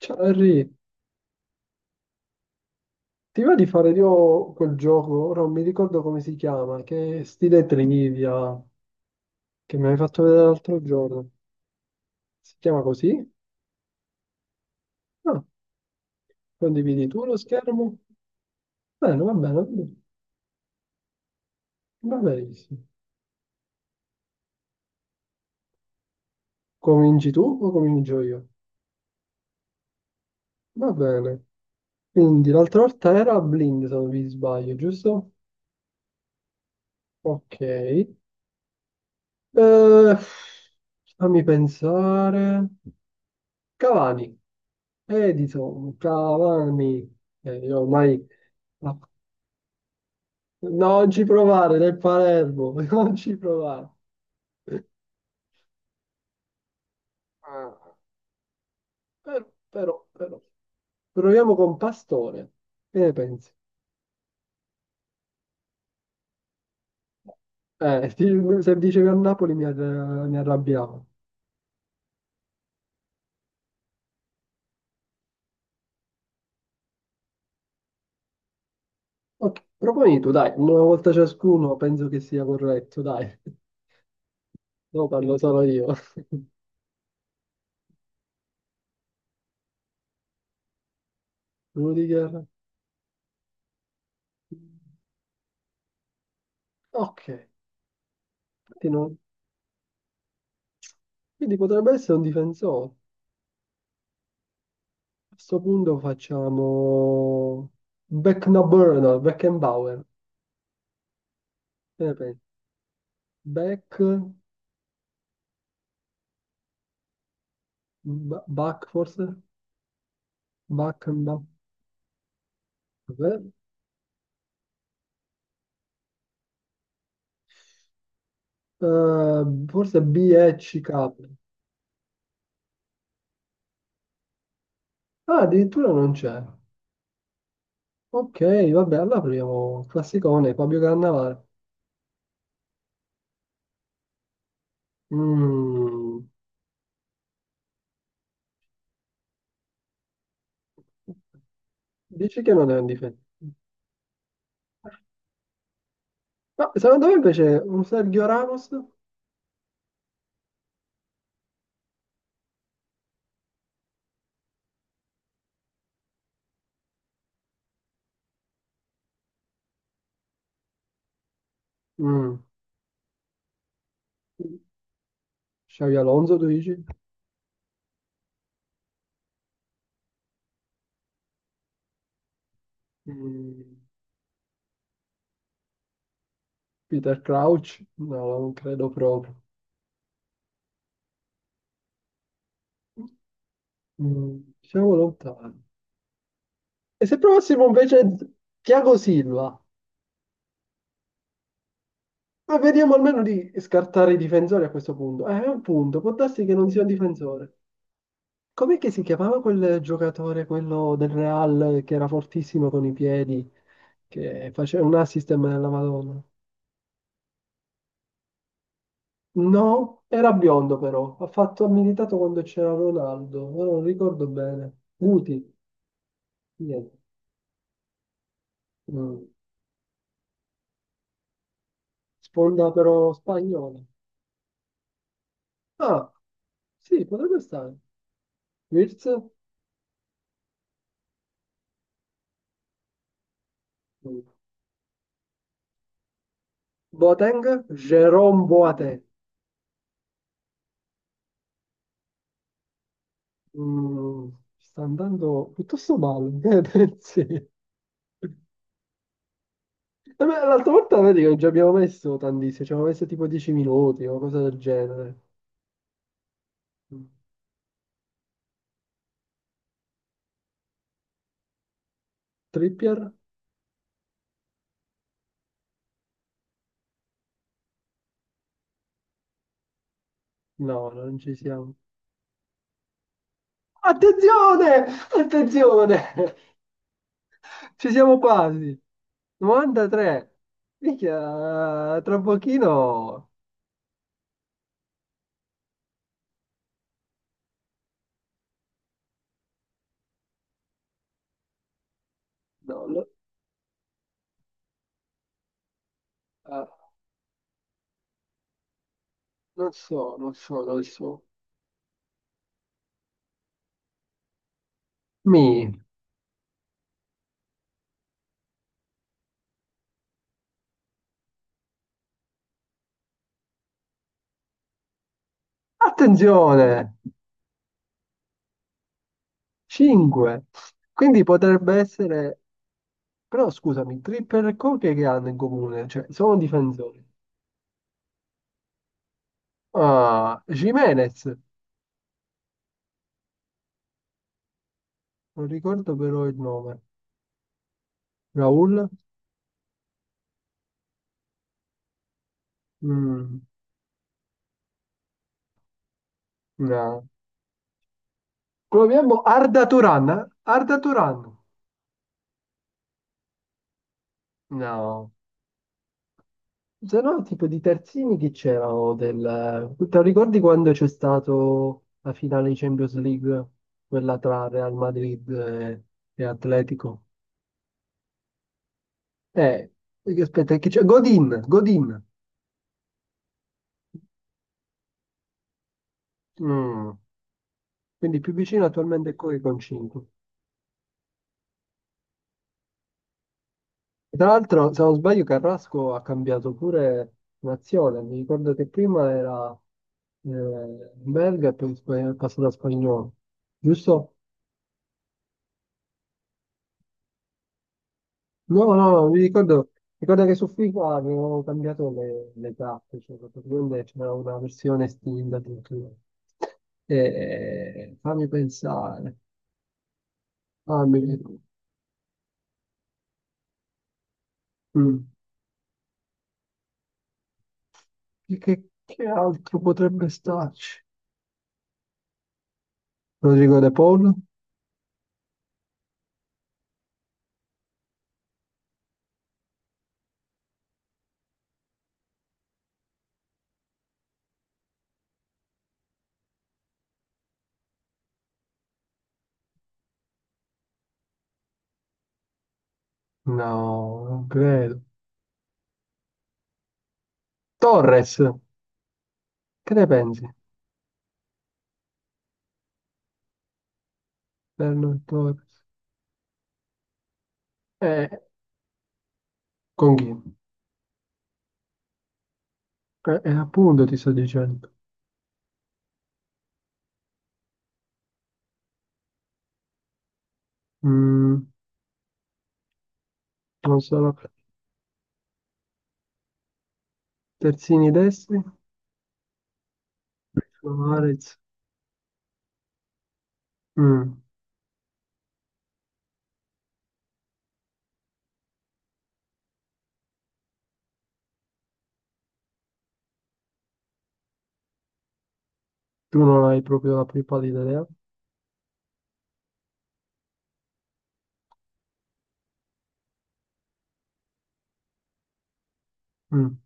Ciao Henry, ti va di fare io quel gioco? Ora non mi ricordo come si chiama, che è stile trivia che mi hai fatto vedere l'altro giorno. Si chiama così? Ah, condividi tu lo schermo? Bene, va benissimo. Cominci tu o comincio io? Va bene. Quindi l'altra volta era blind, se non vi sbaglio, giusto? Ok. Fammi pensare. Cavani, Edison, Cavani. Io ormai... la Non ci provare nel Palermo, non ci provare. Ah, Però, però. Proviamo con Pastore. Che ne pensi? Se dicevi a Napoli mi arrabbiavo. Ok, proponi tu, dai, una volta ciascuno penso che sia corretto, dai. No, parlo solo io. Rudiger. Ok, quindi, non- quindi potrebbe essere un difensore. A questo punto facciamo Beckenbauer. Che ne pensi? Back, Back forse? Back and Back. Vabbè. Eh, forse BECK. Ah, addirittura non c'è. Ok, vabbè, allora proviamo classicone, Fabio Cannavale. Mm, dici che non è un difetto. Ma secondo me invece un Sergio Ramos, mm, Xavi Alonso, tu dici? Mm, Peter Crouch? No, non credo proprio. Mm, siamo lontani. E se provassimo invece Thiago Silva? Ma vediamo almeno di scartare i difensori a questo punto. È un punto, può darsi che non sia un difensore. Com'è che si chiamava quel giocatore, quello del Real, che era fortissimo con i piedi, che faceva un assist della Madonna? No, era biondo però, ha fatto, ha militato quando c'era Ronaldo, ora non ricordo bene. Guti, niente. Mm. Sponda però spagnola. Ah, sì, potrebbe stare. Wirtz? Mm. Boateng? Jerome Boateng. Mm, sta andando piuttosto male, che ne pensi? Eh beh, l'altra volta vedi che non ci abbiamo messo tantissimo, ci abbiamo messo tipo 10 minuti o cosa del genere. Mm. Trippier? No, non ci siamo. Attenzione! Attenzione! Ci siamo quasi. 93. Minchia, tra pochino... No, lo- eh, Non so, non so, non so. Mi. Attenzione! 5. Quindi potrebbe essere. Però scusami, Tripper e Coque che hanno in comune? Cioè, sono difensori. Ah, Jimenez, non ricordo però il nome. Raul? Mm, no. Proviamo Arda Turan. Eh? Arda Turan? No. Se no, tipo di terzini chi c'erano del... Te lo ricordi quando c'è stato la finale di Champions League? Quella tra Real Madrid e Atletico? Eh, Perché aspetta, chi c'è? Godin. Mm. Quindi più vicino attualmente è Koke con 5. E tra l'altro, se non sbaglio, Carrasco ha cambiato pure nazione. Mi ricordo che prima era belga e poi è passato a spagnolo. Giusto? No, no, no, mi ricordo, ricordo che su FIFA avevo cambiato le tappe, cioè praticamente c'era una versione estinta addirittura. Fammi pensare, fammi... mm. Che altro potrebbe starci? Rodrigo De Paul? No, non credo. Torres, che ne pensi? Fernando Torres. Eh, con chi? Appunto ti sto dicendo. Mm, non sono terzini destri. Suarez. Mm, tu non hai proprio la più pallida idea. Mm.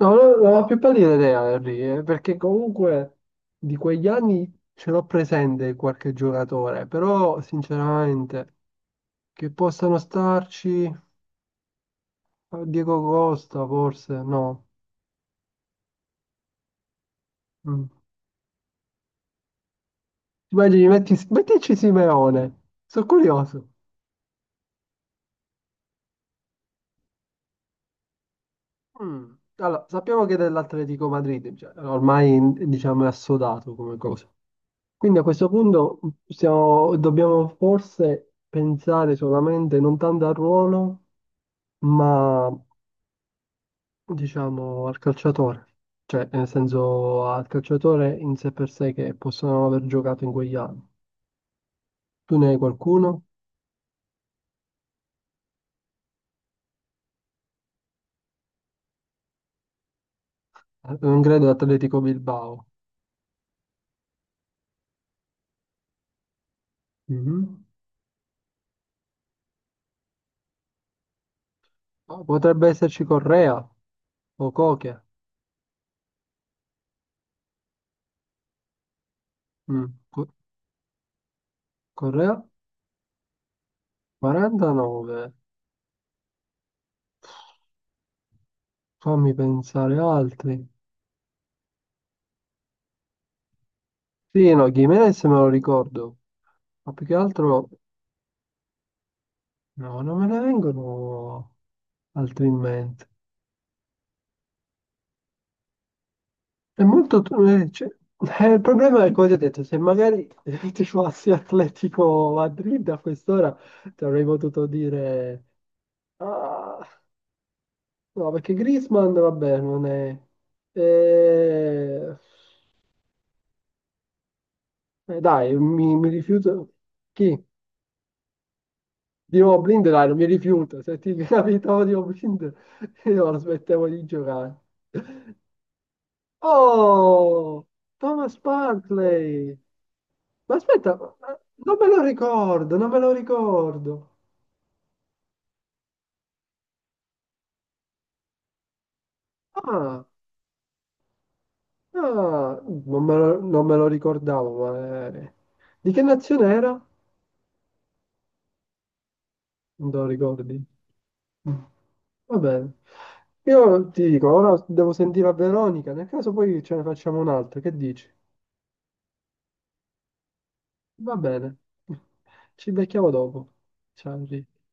No, non ho la più pallida idea, Henry, perché comunque di quegli anni ce l'ho presente qualche giocatore, però sinceramente che possano starci. Diego Costa, forse, no. Mm. Immagini, mettici Simeone. Sono curioso. Mm. Allora, sappiamo che è dell'Atletico Madrid, cioè, ormai diciamo è assodato come cosa. Quindi a questo punto dobbiamo forse pensare solamente non tanto al ruolo, ma diciamo al calciatore. Cioè, nel senso al calciatore in sé per sé che possono aver giocato in quegli anni. Tu ne hai qualcuno? Non credo Atletico Bilbao. Mhm. Oh, potrebbe esserci Correa o Coche. Mm. Co- Correa 49. Fammi pensare altri. Sì, no, Gimenez me lo ricordo, ma più che altro no, non me ne vengono altri in mente. È molto... tu- cioè, Il problema è come ti ho detto, se magari ti fossi Atletico Madrid a quest'ora ti avrei potuto dire... Ah, no, perché Griezmann, vabbè, non è... Eh, Dai, mi rifiuto. Chi? Di nuovo Blind, dai, non mi rifiuto. Se ti capitavo di nuovo Blind, io lo smettevo di giocare. Oh, Thomas Barclay. Ma aspetta, ma- Non me lo ricordo, non me lo ricordo. Ah, ah, non me lo ricordavo, ma... di che nazione era? Non te lo ricordi? Mm. Va bene. Io ti dico, ora devo sentire a Veronica, nel caso poi ce ne facciamo un'altra, che dici? Va bene. Ci becchiamo dopo. Ciao. Enrico.